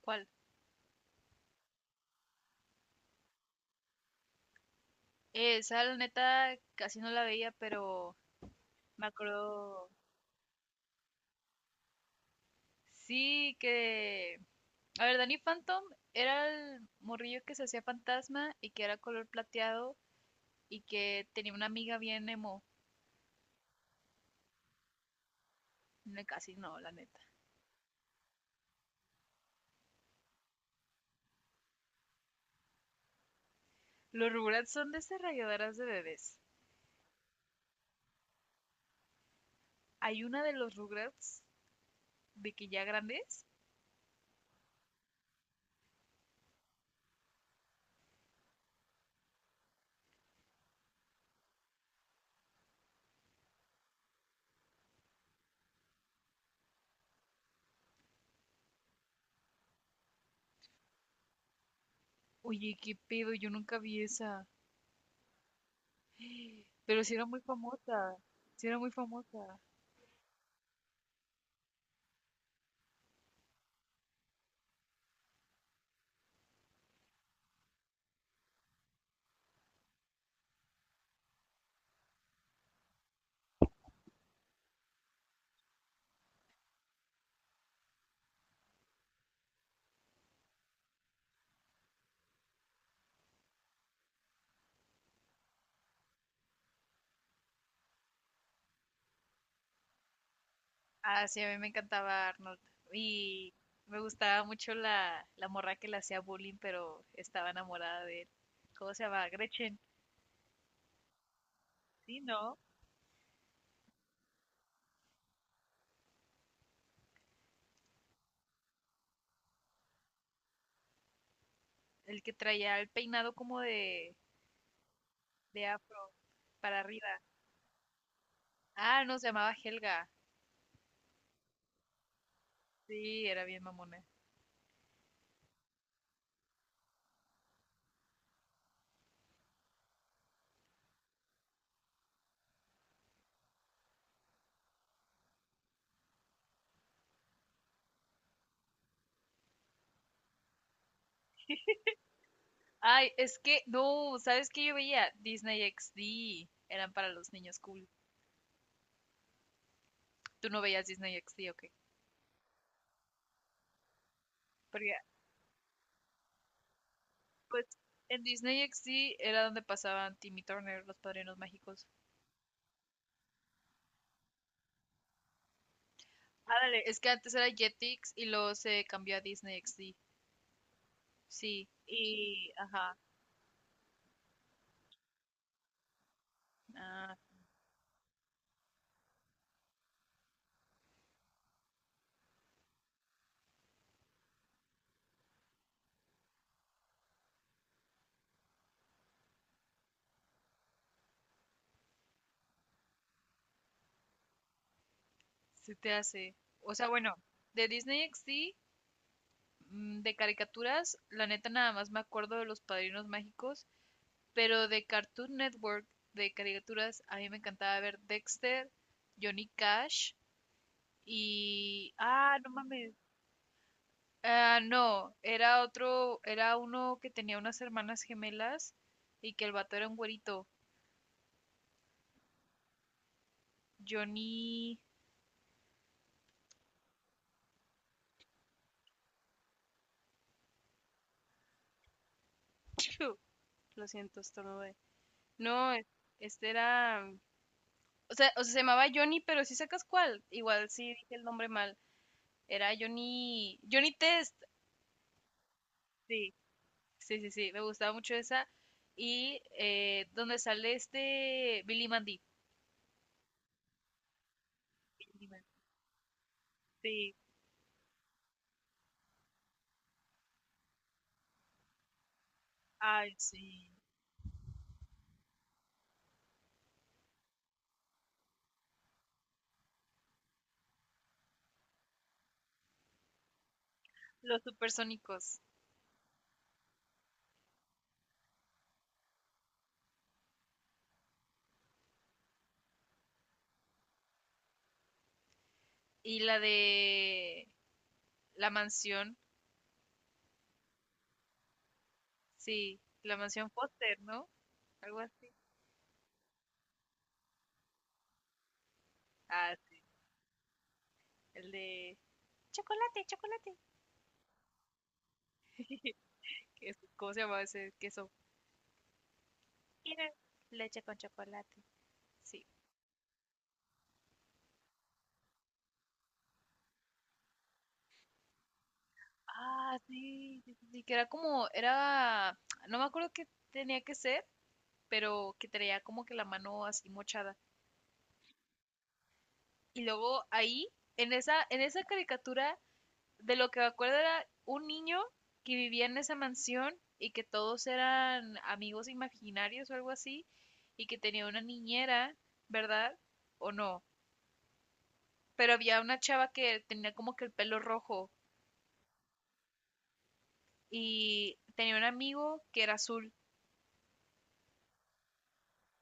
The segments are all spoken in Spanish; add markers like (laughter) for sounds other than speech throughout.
¿Cuál? Esa la neta casi no la veía, pero me acuerdo. Sí, que. A ver, Danny Phantom era el morrillo que se hacía fantasma y que era color plateado y que tenía una amiga bien emo. No, casi no, la neta. Los Rugrats son de esas rayadoras de bebés. Hay una de los Rugrats de que ya grandes. Oye, qué pedo, yo nunca vi esa. (gasps) Pero sí era muy famosa. Sí era muy famosa. Ah, sí, a mí me encantaba Arnold. Y me gustaba mucho la morra que le hacía bullying, pero estaba enamorada de él. ¿Cómo se llama? Gretchen. Sí, ¿no? El que traía el peinado como de afro para arriba. Ah, no, se llamaba Helga. Sí, era bien mamona. Ay, es que, no, ¿sabes qué yo veía? Disney XD. Eran para los niños cool. ¿Tú no veías Disney XD o qué? Porque, pues, en Disney XD era donde pasaban Timmy Turner, los padrinos mágicos. Ándale, es que antes era Jetix y luego se cambió a Disney XD. Sí, y ajá. Ah, se te hace. O sea, bueno, de Disney XD, de caricaturas, la neta nada más me acuerdo de Los Padrinos Mágicos, pero de Cartoon Network, de caricaturas, a mí me encantaba ver Dexter, Johnny Cash y... Ah, no mames. Ah, no, era otro, era uno que tenía unas hermanas gemelas y que el vato era un güerito. Johnny... (laughs) Piu, lo siento, estornudé. No, e-, este era. O sea, se llamaba Johnny, pero si sacas cuál. Igual sí dije el nombre mal. Era Johnny. Johnny Test. Sí, sí. Me gustaba mucho esa. Y donde sale este Billy Mandy. Billy Mandy. Sí. Ay, sí. Los supersónicos. Y la de la mansión. Sí. La mansión Foster, ¿no? Algo así. Ah, sí. El de. Chuck, es- ¿Cómo se llamaba ese queso? Mira, leche con chocolate. Sí. Ah, sí, que era como, era, no me acuerdo qué tenía que ser, pero que traía como que la mano así mochada. Y luego ahí, en esa caricatura, de lo que me acuerdo era un niño que vivía en esa mansión y que todos eran amigos imaginarios o algo así, y que tenía una niñera, ¿verdad? ¿O no? Pero había una chava que tenía como que el pelo rojo. Y tenía un amigo que era azul,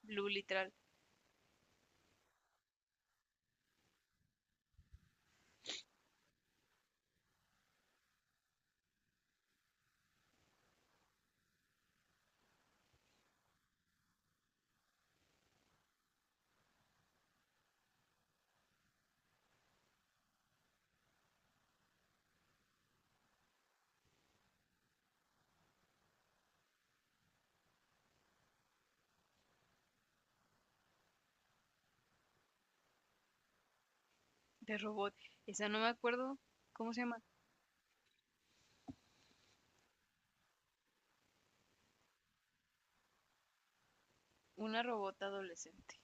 blue literal, de robot. Esa no me acuerdo cómo se llama. Una robot adolescente.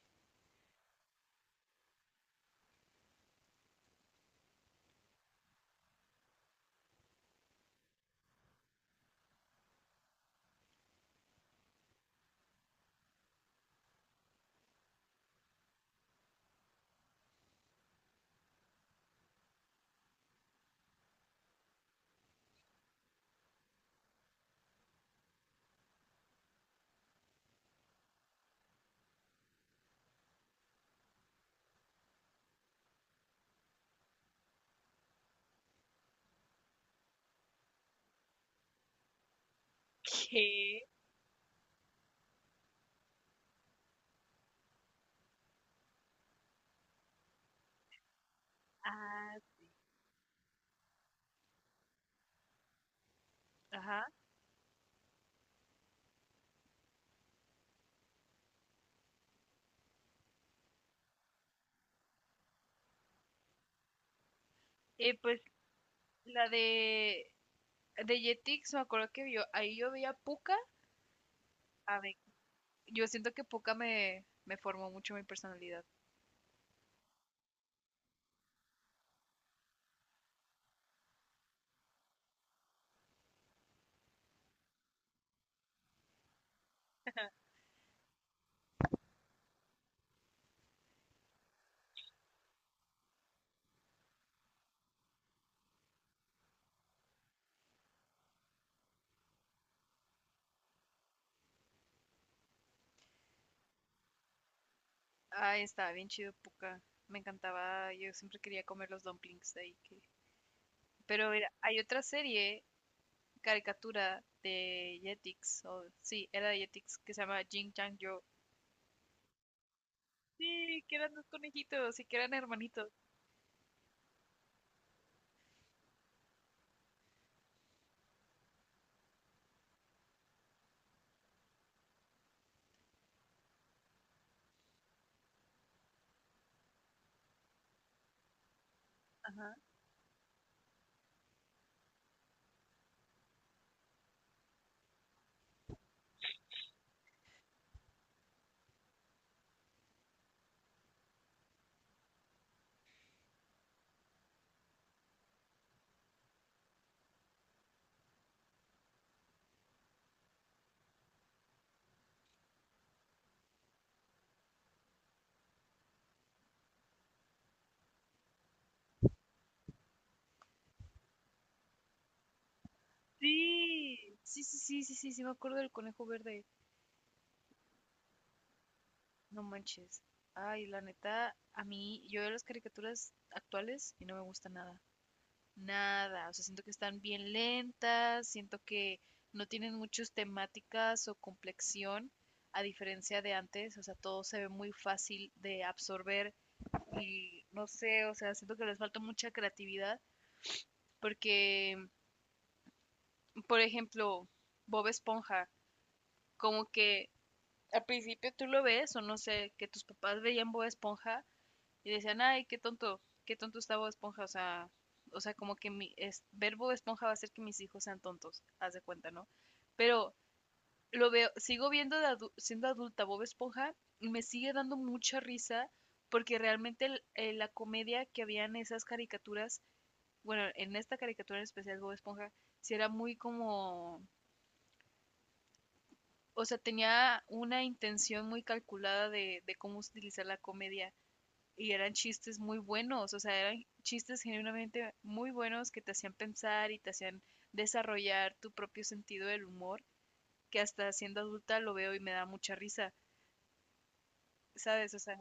(laughs) ¿Qué? Ah, ajá. Pues la de Jetix, me acuerdo que yo, ahí yo veía a Puka. A ver, yo siento que Puka me formó mucho mi personalidad. Ah, estaba bien chido Puka. Me encantaba, yo siempre quería comer los dumplings de ahí. Que... Pero era- hay otra serie caricatura de Jetix, o sí, era de Jetix, que se llama Jin Chang Yo. Sí, que eran dos conejitos y que eran hermanitos. Ajá. Sí, sí, me acuerdo del conejo verde. No manches. Ay, la neta, a mí, yo veo las caricaturas actuales y no me gusta nada. Nada. O sea, siento que están bien lentas, siento que no tienen muchas temáticas o complexión, a diferencia de antes. O sea, todo se ve muy fácil de absorber y no sé, o sea, siento que les falta mucha creatividad porque, por ejemplo, Bob Esponja, como que al principio tú lo ves o no sé, que tus papás veían Bob Esponja y decían, ay, qué tonto está Bob Esponja, o sea, como que mi, es, ver Bob Esponja va a hacer que mis hijos sean tontos, haz de cuenta, ¿no? Pero lo veo, sigo viendo de adu- siendo adulta Bob Esponja y me sigue dando mucha risa porque realmente el- la comedia que había en esas caricaturas bueno, en esta caricatura en especial Bob Esponja, sí era muy como, o sea, tenía una intención muy calculada de cómo utilizar la comedia y eran chistes muy buenos, o sea, eran chistes genuinamente muy buenos que te hacían pensar y te hacían desarrollar tu propio sentido del humor, que hasta siendo adulta lo veo y me da mucha risa, ¿sabes? O sea,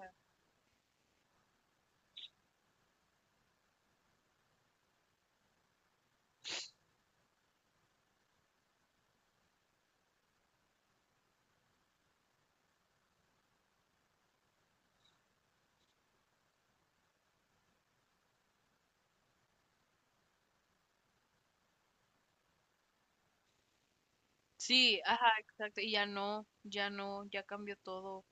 sí, ajá, exacto, y ya no, ya no, ya cambió todo.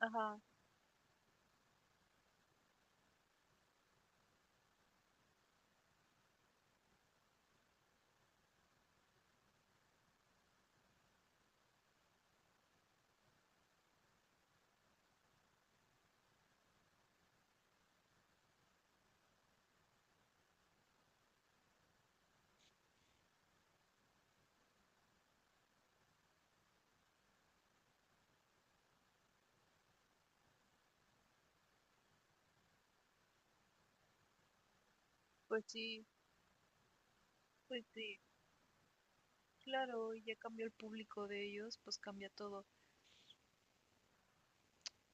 Ajá, pues sí, pues sí. Claro, y ya cambió el público de ellos, pues cambia todo.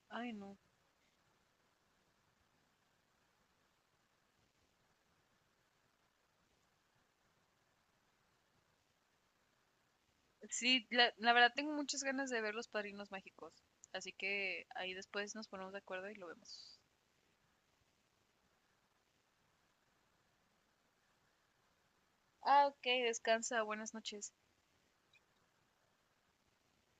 Ay, no. Sí, la verdad tengo muchas ganas de ver Los Padrinos Mágicos. Así que ahí después nos ponemos de acuerdo y lo vemos. Ah, ok, descansa, buenas noches.